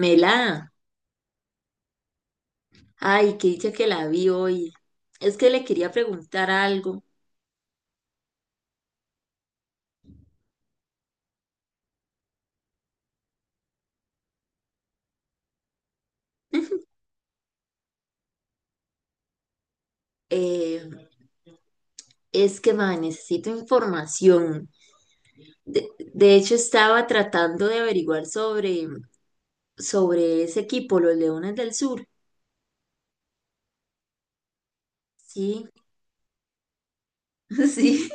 Mela, ay, qué dicha que la vi hoy. Es que le quería preguntar algo. Eh, es que, ma, necesito información. De, de hecho, estaba tratando de averiguar sobre ese equipo, los Leones del Sur. Sí, sí.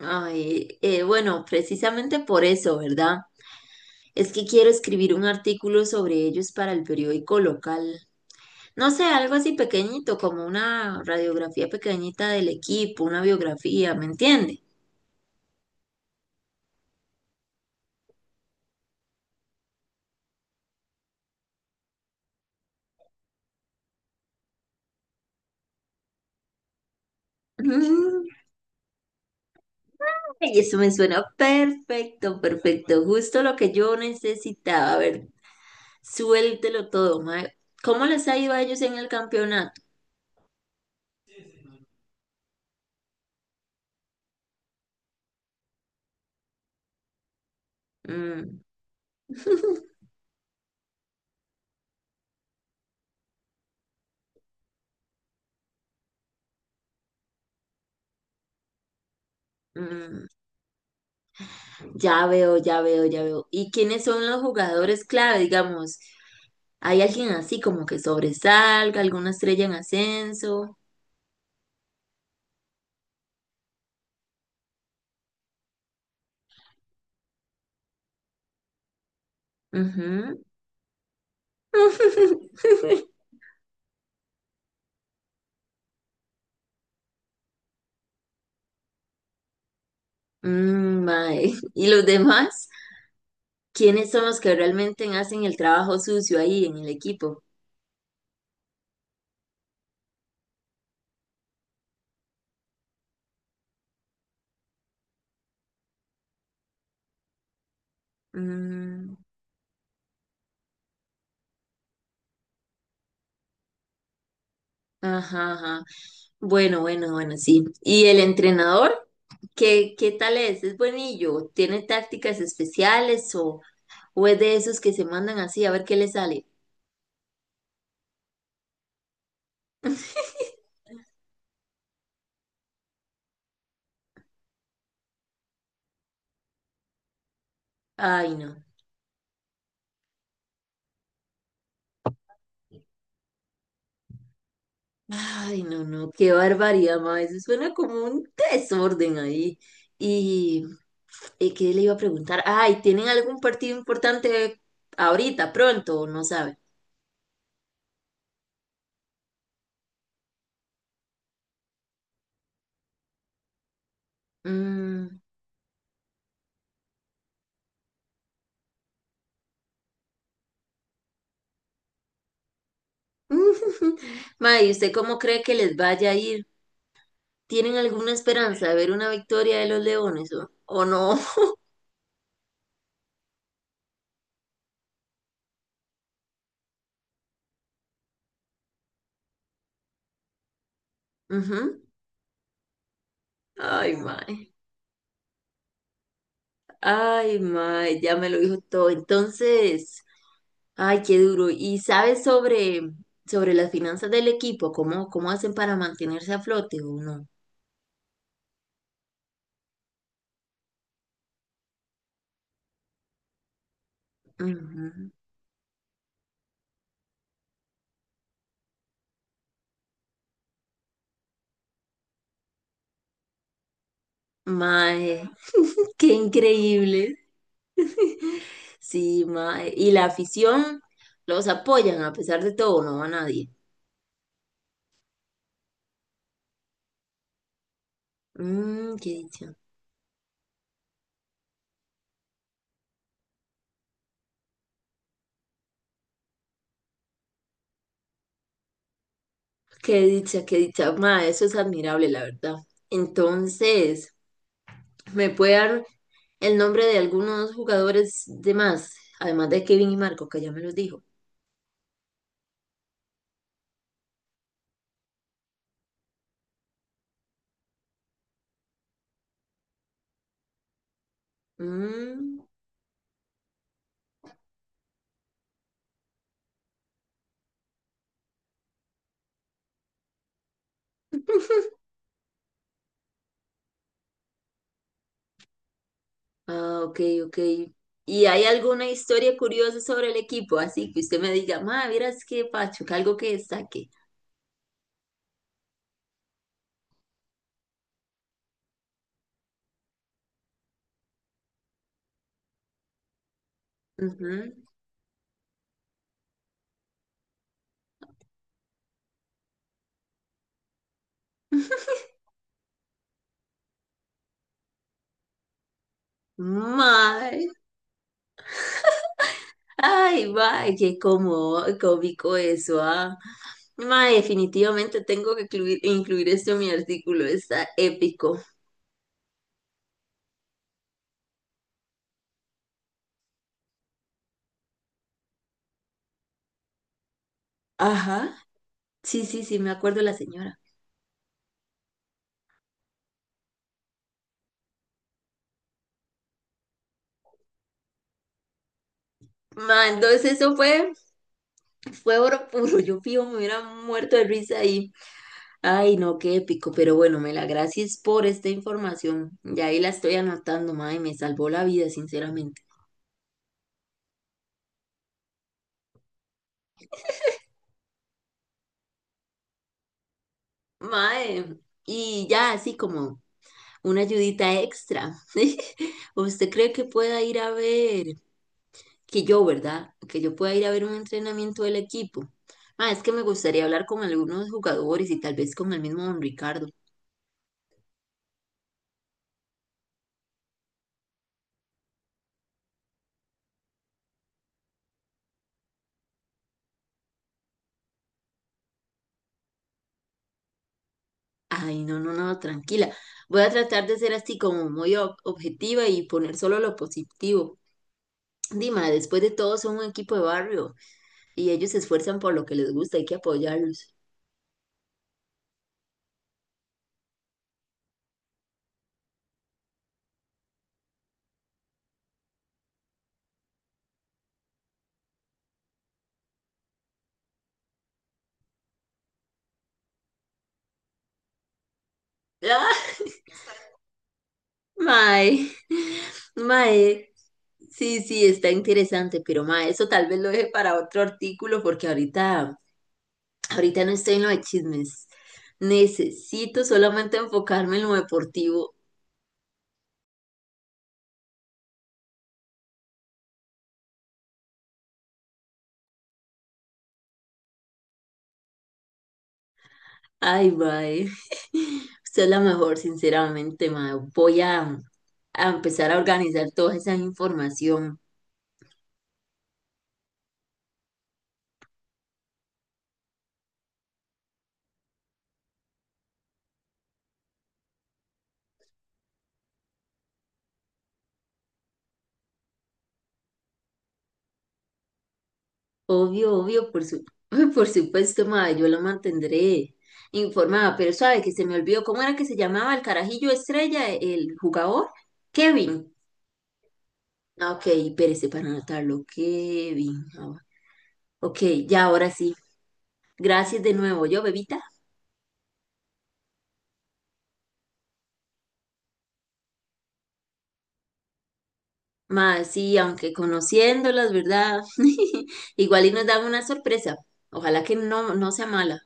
Ay, bueno, precisamente por eso, ¿verdad? Es que quiero escribir un artículo sobre ellos para el periódico local. No sé, algo así pequeñito, como una radiografía pequeñita del equipo, una biografía, ¿me entiende? Mm. Y eso me suena perfecto, perfecto, justo lo que yo necesitaba. A ver, suéltelo todo, mae. ¿Cómo les ha ido a ellos en el campeonato? Mm. Mm, ya veo, ya veo, ya veo. ¿Y quiénes son los jugadores clave, digamos? ¿Hay alguien así como que sobresalga, alguna estrella en ascenso? Ujú. Mm, mae. ¿Y los demás? ¿Quiénes son los que realmente hacen el trabajo sucio ahí en el equipo? Mm, ajá, ajá. Bueno, bueno, bueno, sí. ¿Y el entrenador? ¿Qué tal es? ¿Es buenillo? ¿Tiene tácticas especiales o es de esos que se mandan así a ver qué le sale? Ay, no. Ay, no, no, qué barbaridad, ma. Eso suena como un desorden ahí. Y, y ¿qué le iba a preguntar? Ay, ¿tienen algún partido importante ahorita, pronto? ¿O no sabe? Mm. Ma, ¿y usted cómo cree que les vaya a ir? ¿Tienen alguna esperanza de ver una victoria de los Leones o no? Ujú. Ay, mae. Ay, mae, ya me lo dijo todo. Entonces. Ay, qué duro. ¿Y sabes sobre las finanzas del equipo? ¿Cómo, cómo hacen para mantenerse a flote o no? Ujú. Mae, qué increíble. Sí, mae. Y la afición los apoyan a pesar de todo, no va nadie. Mm, qué dicha. Qué dicha, qué dicha. Ma, eso es admirable, la verdad. Entonces, ¿me puede dar el nombre de algunos jugadores de más? Además de Kevin y Marco, que ya me los dijo. Mm. Ah, ok, ok. ¿Y hay alguna historia curiosa sobre el equipo? Así que usted me diga, ma, miras qué pacho, que algo que destaque. Ujú. Mae, ay, mae, qué cómico eso, ah. Mae, definitivamente tengo que incluir esto en mi artículo, está épico. Ajá, sí, sí, sí, me acuerdo la señora. Mae, entonces eso fue oro puro, yo fijo, me hubiera muerto de risa ahí. Ay, no, qué épico, pero bueno, Mela, gracias por esta información. Ya ahí la estoy anotando, mae, me salvó la vida, sinceramente. Mae, y ya así como una ayudita extra. ¿Usted cree que pueda ir a ¿verdad? Que yo pueda ir a ver un entrenamiento del equipo. Mae, es que me gustaría hablar con algunos jugadores y tal vez con el mismo don Ricardo. Ay, no, no, no, tranquila. Voy a tratar de ser así como muy objetiva y poner solo lo positivo. Dima, después de todo son un equipo de barrio y ellos se esfuerzan por lo que les gusta, hay que apoyarlos. Ah, mae, mae, sí, sí, está interesante, pero mae, eso tal vez lo deje para otro artículo, ahorita no estoy en lo de chismes. Necesito solamente enfocarme en lo deportivo. Ay, mae, usted es la mejor, sinceramente, mae. A empezar a organizar toda esa información. Obvio, obvio, por supuesto, madre, yo lo mantendré informada, pero sabe que se me olvidó cómo era que se llamaba el carajillo estrella, el jugador, Kevin. Ah, ok, espérese para anotarlo, Kevin. Ah, ok, ya ahora sí. Gracias de nuevo, yo, bebita. Madre sí, aunque conociéndolas, ¿verdad? Igual y nos dan una sorpresa. Ojalá que no, no sea mala.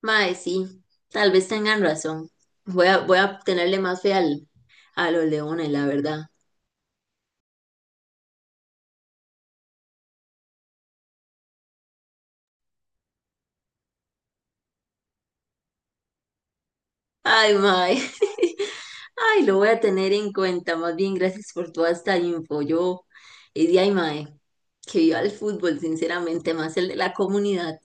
Madre sí, tal vez tengan razón. Voy a tenerle más fe a los leones, la verdad. Ay, mae. Ay, lo voy a tener en cuenta. Más bien, gracias por toda esta info. Yo, y de ay, mae, que viva el fútbol, sinceramente, más el de la comunidad.